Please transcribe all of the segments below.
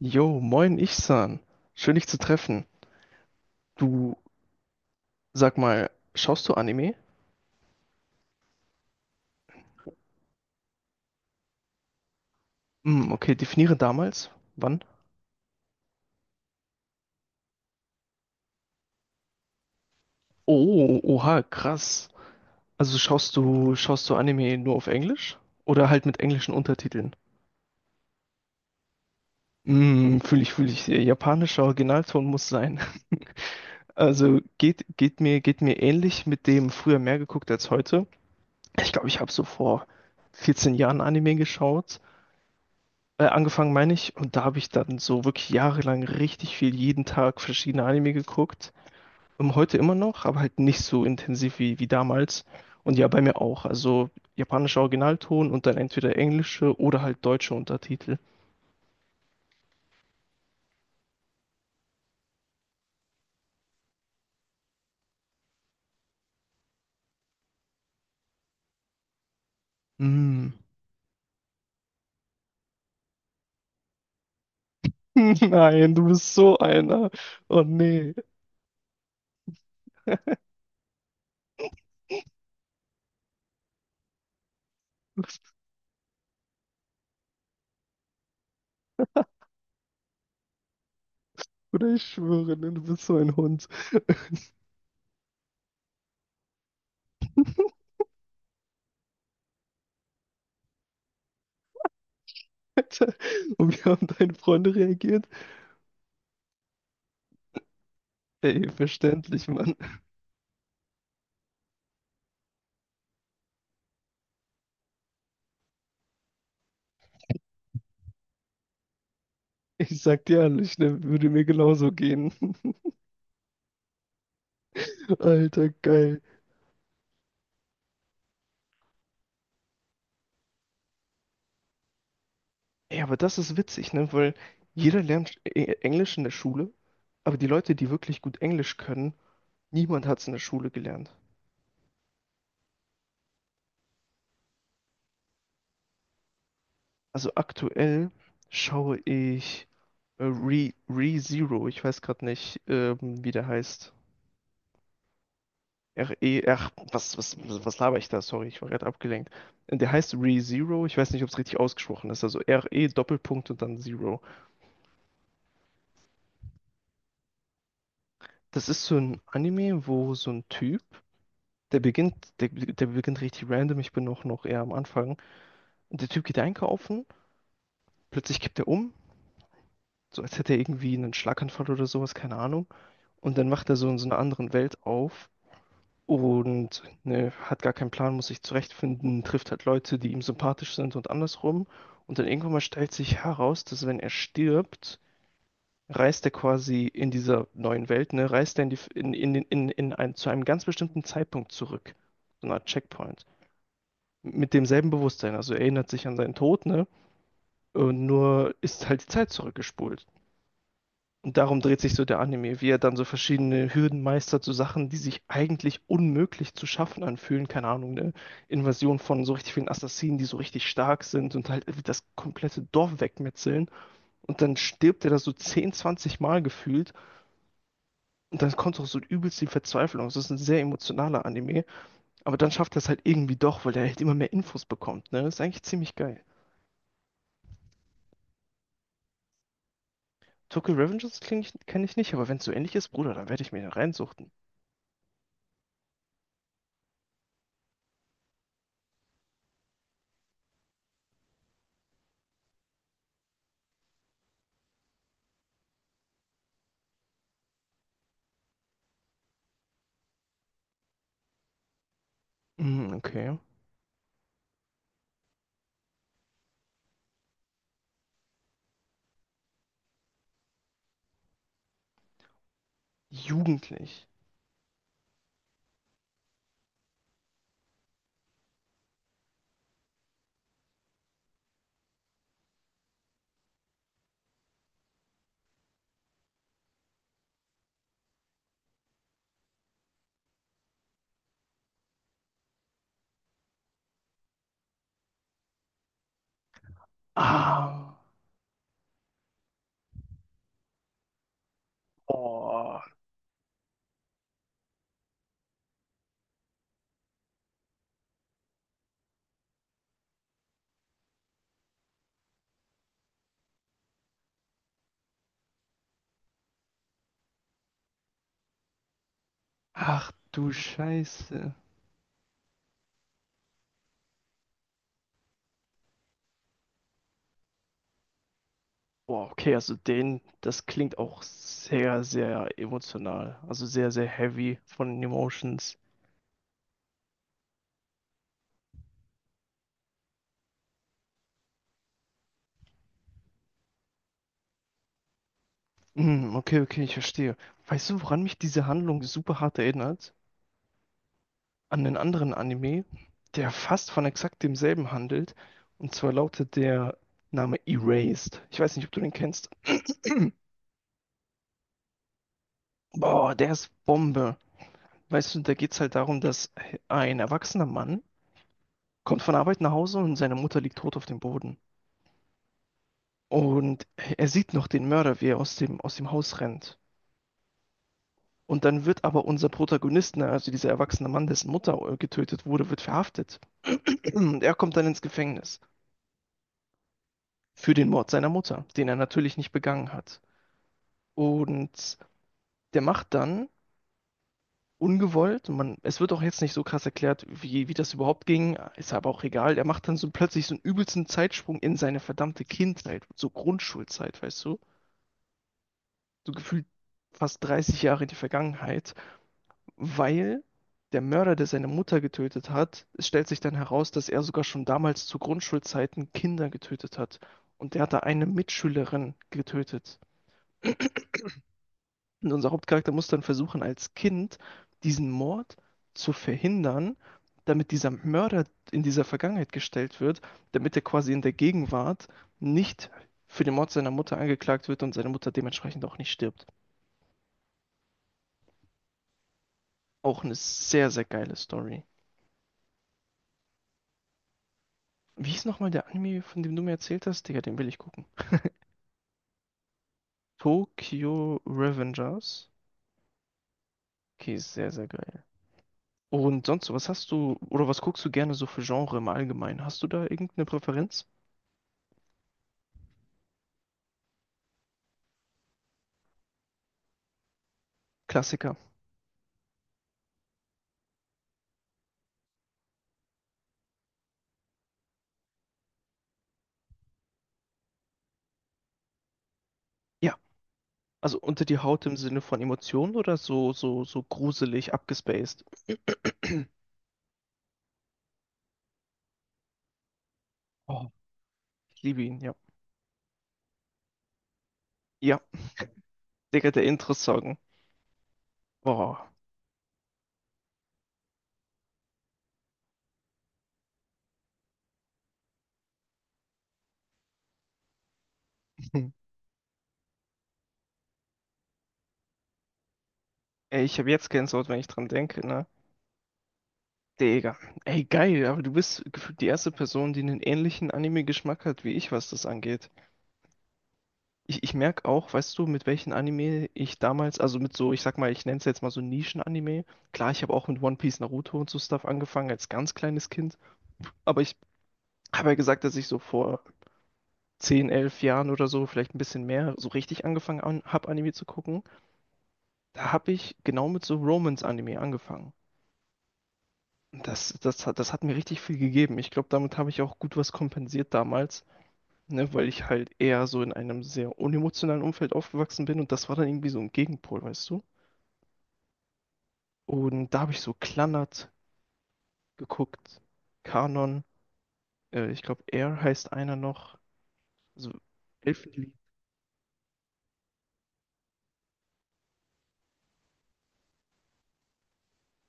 Jo, moin Ichsan. Schön dich zu treffen. Du, sag mal, schaust du Anime? Hm, okay, definiere damals. Wann? Oh, oha, krass. Also schaust du Anime nur auf Englisch? Oder halt mit englischen Untertiteln? Hm, fühle ich. Japanischer Originalton muss sein. Also geht mir ähnlich mit dem früher mehr geguckt als heute. Ich glaube, ich habe so vor 14 Jahren Anime geschaut. Angefangen meine ich, und da habe ich dann so wirklich jahrelang richtig viel jeden Tag verschiedene Anime geguckt. Heute immer noch, aber halt nicht so intensiv wie damals. Und ja, bei mir auch. Also japanischer Originalton und dann entweder englische oder halt deutsche Untertitel. Mm. Nein, du bist so einer. Oh nee, oder ich schwöre, ne, du bist so ein Hund. Alter, und wie haben deine Freunde reagiert? Ey, verständlich, Mann. Ich sag dir ehrlich, ne, würde mir genauso gehen. Alter, geil. Ey, aber das ist witzig, ne? Weil jeder lernt Englisch in der Schule, aber die Leute, die wirklich gut Englisch können, niemand hat es in der Schule gelernt. Also aktuell schaue ich ReZero, ich weiß gerade nicht, wie der heißt. R-E, ach, was, was, was laber ich da? Sorry, ich war gerade abgelenkt. Der heißt ReZero, ich weiß nicht, ob es richtig ausgesprochen ist. Also Re, Doppelpunkt und dann Zero. Das ist so ein Anime, wo so ein Typ, der beginnt richtig random. Ich bin noch eher am Anfang. Und der Typ geht einkaufen, plötzlich kippt er um, so als hätte er irgendwie einen Schlaganfall oder sowas, keine Ahnung. Und dann macht er so in so einer anderen Welt auf und ne, hat gar keinen Plan, muss sich zurechtfinden, trifft halt Leute, die ihm sympathisch sind und andersrum. Und dann irgendwann mal stellt sich heraus, dass wenn er stirbt, reist er quasi in dieser neuen Welt, ne, reist er in die, in ein, zu einem ganz bestimmten Zeitpunkt zurück. So eine Art Checkpoint, mit demselben Bewusstsein. Also er erinnert sich an seinen Tod, ne? Und nur ist halt die Zeit zurückgespult. Und darum dreht sich so der Anime, wie er dann so verschiedene Hürden meistert, so Sachen, die sich eigentlich unmöglich zu schaffen anfühlen. Keine Ahnung, eine Invasion von so richtig vielen Assassinen, die so richtig stark sind und halt das komplette Dorf wegmetzeln. Und dann stirbt er da so 10, 20 Mal gefühlt. Und dann kommt auch so übelst die Verzweiflung. Das ist ein sehr emotionaler Anime. Aber dann schafft er es halt irgendwie doch, weil er halt immer mehr Infos bekommt. Ne? Das ist eigentlich ziemlich geil. Tokyo Revengers kenne ich nicht, aber wenn es so ähnlich ist, Bruder, dann werde ich mir den reinsuchten. Mm, okay. Jugendlich. Ah. Oh. Ach du Scheiße. Boah, okay, das klingt auch sehr, sehr emotional. Also sehr, sehr heavy von den Emotions. Mm, okay, okay, ich verstehe. Weißt du, woran mich diese Handlung super hart erinnert? An einen anderen Anime, der fast von exakt demselben handelt. Und zwar lautet der Name Erased. Ich weiß nicht, ob du den kennst. Boah, der ist Bombe. Weißt du, da geht's halt darum, dass ein erwachsener Mann kommt von Arbeit nach Hause und seine Mutter liegt tot auf dem Boden. Und er sieht noch den Mörder, wie er aus dem Haus rennt. Und dann wird aber unser Protagonist, ne, also dieser erwachsene Mann, dessen Mutter getötet wurde, wird verhaftet. Und er kommt dann ins Gefängnis für den Mord seiner Mutter, den er natürlich nicht begangen hat. Und der macht dann ungewollt. Man, es wird auch jetzt nicht so krass erklärt, wie das überhaupt ging. Ist aber auch egal. Er macht dann so plötzlich so einen übelsten Zeitsprung in seine verdammte Kindheit, so Grundschulzeit, weißt du? So gefühlt fast 30 Jahre in die Vergangenheit, weil der Mörder, der seine Mutter getötet hat, es stellt sich dann heraus, dass er sogar schon damals zu Grundschulzeiten Kinder getötet hat. Und der hat da eine Mitschülerin getötet. Und unser Hauptcharakter muss dann versuchen, als Kind diesen Mord zu verhindern, damit dieser Mörder in dieser Vergangenheit gestellt wird, damit er quasi in der Gegenwart nicht für den Mord seiner Mutter angeklagt wird und seine Mutter dementsprechend auch nicht stirbt. Auch eine sehr, sehr geile Story. Wie hieß nochmal der Anime, von dem du mir erzählt hast? Digga, den will ich gucken. Tokyo Revengers. Okay, sehr, sehr geil. Und sonst, so, was hast du, oder was guckst du gerne so für Genre im Allgemeinen? Hast du da irgendeine Präferenz? Klassiker. Ja, also unter die Haut im Sinne von Emotionen oder so, so, so gruselig, abgespaced? Oh, ich liebe ihn, ja. Ja, Digga, der Intro-Song. Boah. Ey, ich habe jetzt Gänsehaut, wenn ich dran denke, ne? Digga. Ey, geil, aber du bist gefühlt die erste Person, die einen ähnlichen Anime-Geschmack hat wie ich, was das angeht. Ich merke auch, weißt du, mit welchen Anime ich damals, also mit so, ich sag mal, ich nenne es jetzt mal so Nischen-Anime. Klar, ich habe auch mit One Piece, Naruto und so Stuff angefangen als ganz kleines Kind. Aber ich habe ja gesagt, dass ich so vor 10, 11 Jahren oder so, vielleicht ein bisschen mehr, so richtig angefangen an, habe, Anime zu gucken, da habe ich genau mit so Romance-Anime angefangen. Und das hat mir richtig viel gegeben. Ich glaube, damit habe ich auch gut was kompensiert damals, ne, weil ich halt eher so in einem sehr unemotionalen Umfeld aufgewachsen bin und das war dann irgendwie so ein Gegenpol, weißt du? Und da habe ich so Klannert geguckt, Kanon, ich glaube, Air heißt einer noch, also Elfenlied.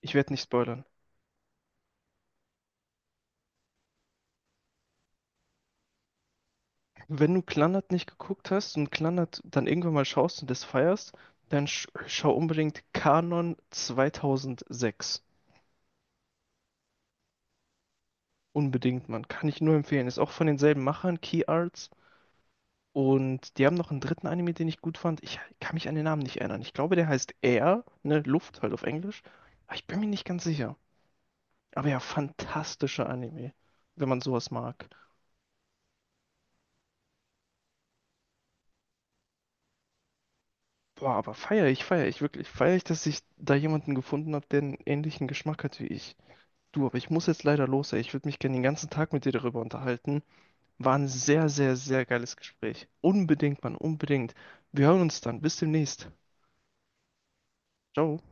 Ich werde nicht spoilern. Wenn du Clannad nicht geguckt hast und Clannad dann irgendwann mal schaust und das feierst, dann schau unbedingt Kanon 2006. Unbedingt, Mann. Kann ich nur empfehlen. Ist auch von denselben Machern, Key Arts. Und die haben noch einen dritten Anime, den ich gut fand. Ich kann mich an den Namen nicht erinnern. Ich glaube, der heißt Air, ne, Luft halt auf Englisch. Aber ich bin mir nicht ganz sicher. Aber ja, fantastischer Anime, wenn man sowas mag. Boah, aber feier ich wirklich. Feier ich, dass ich da jemanden gefunden habe, der einen ähnlichen Geschmack hat wie ich. Du, aber ich muss jetzt leider los, ey. Ich würde mich gerne den ganzen Tag mit dir darüber unterhalten. War ein sehr, sehr, sehr geiles Gespräch. Unbedingt, Mann, unbedingt. Wir hören uns dann. Bis demnächst. Ciao.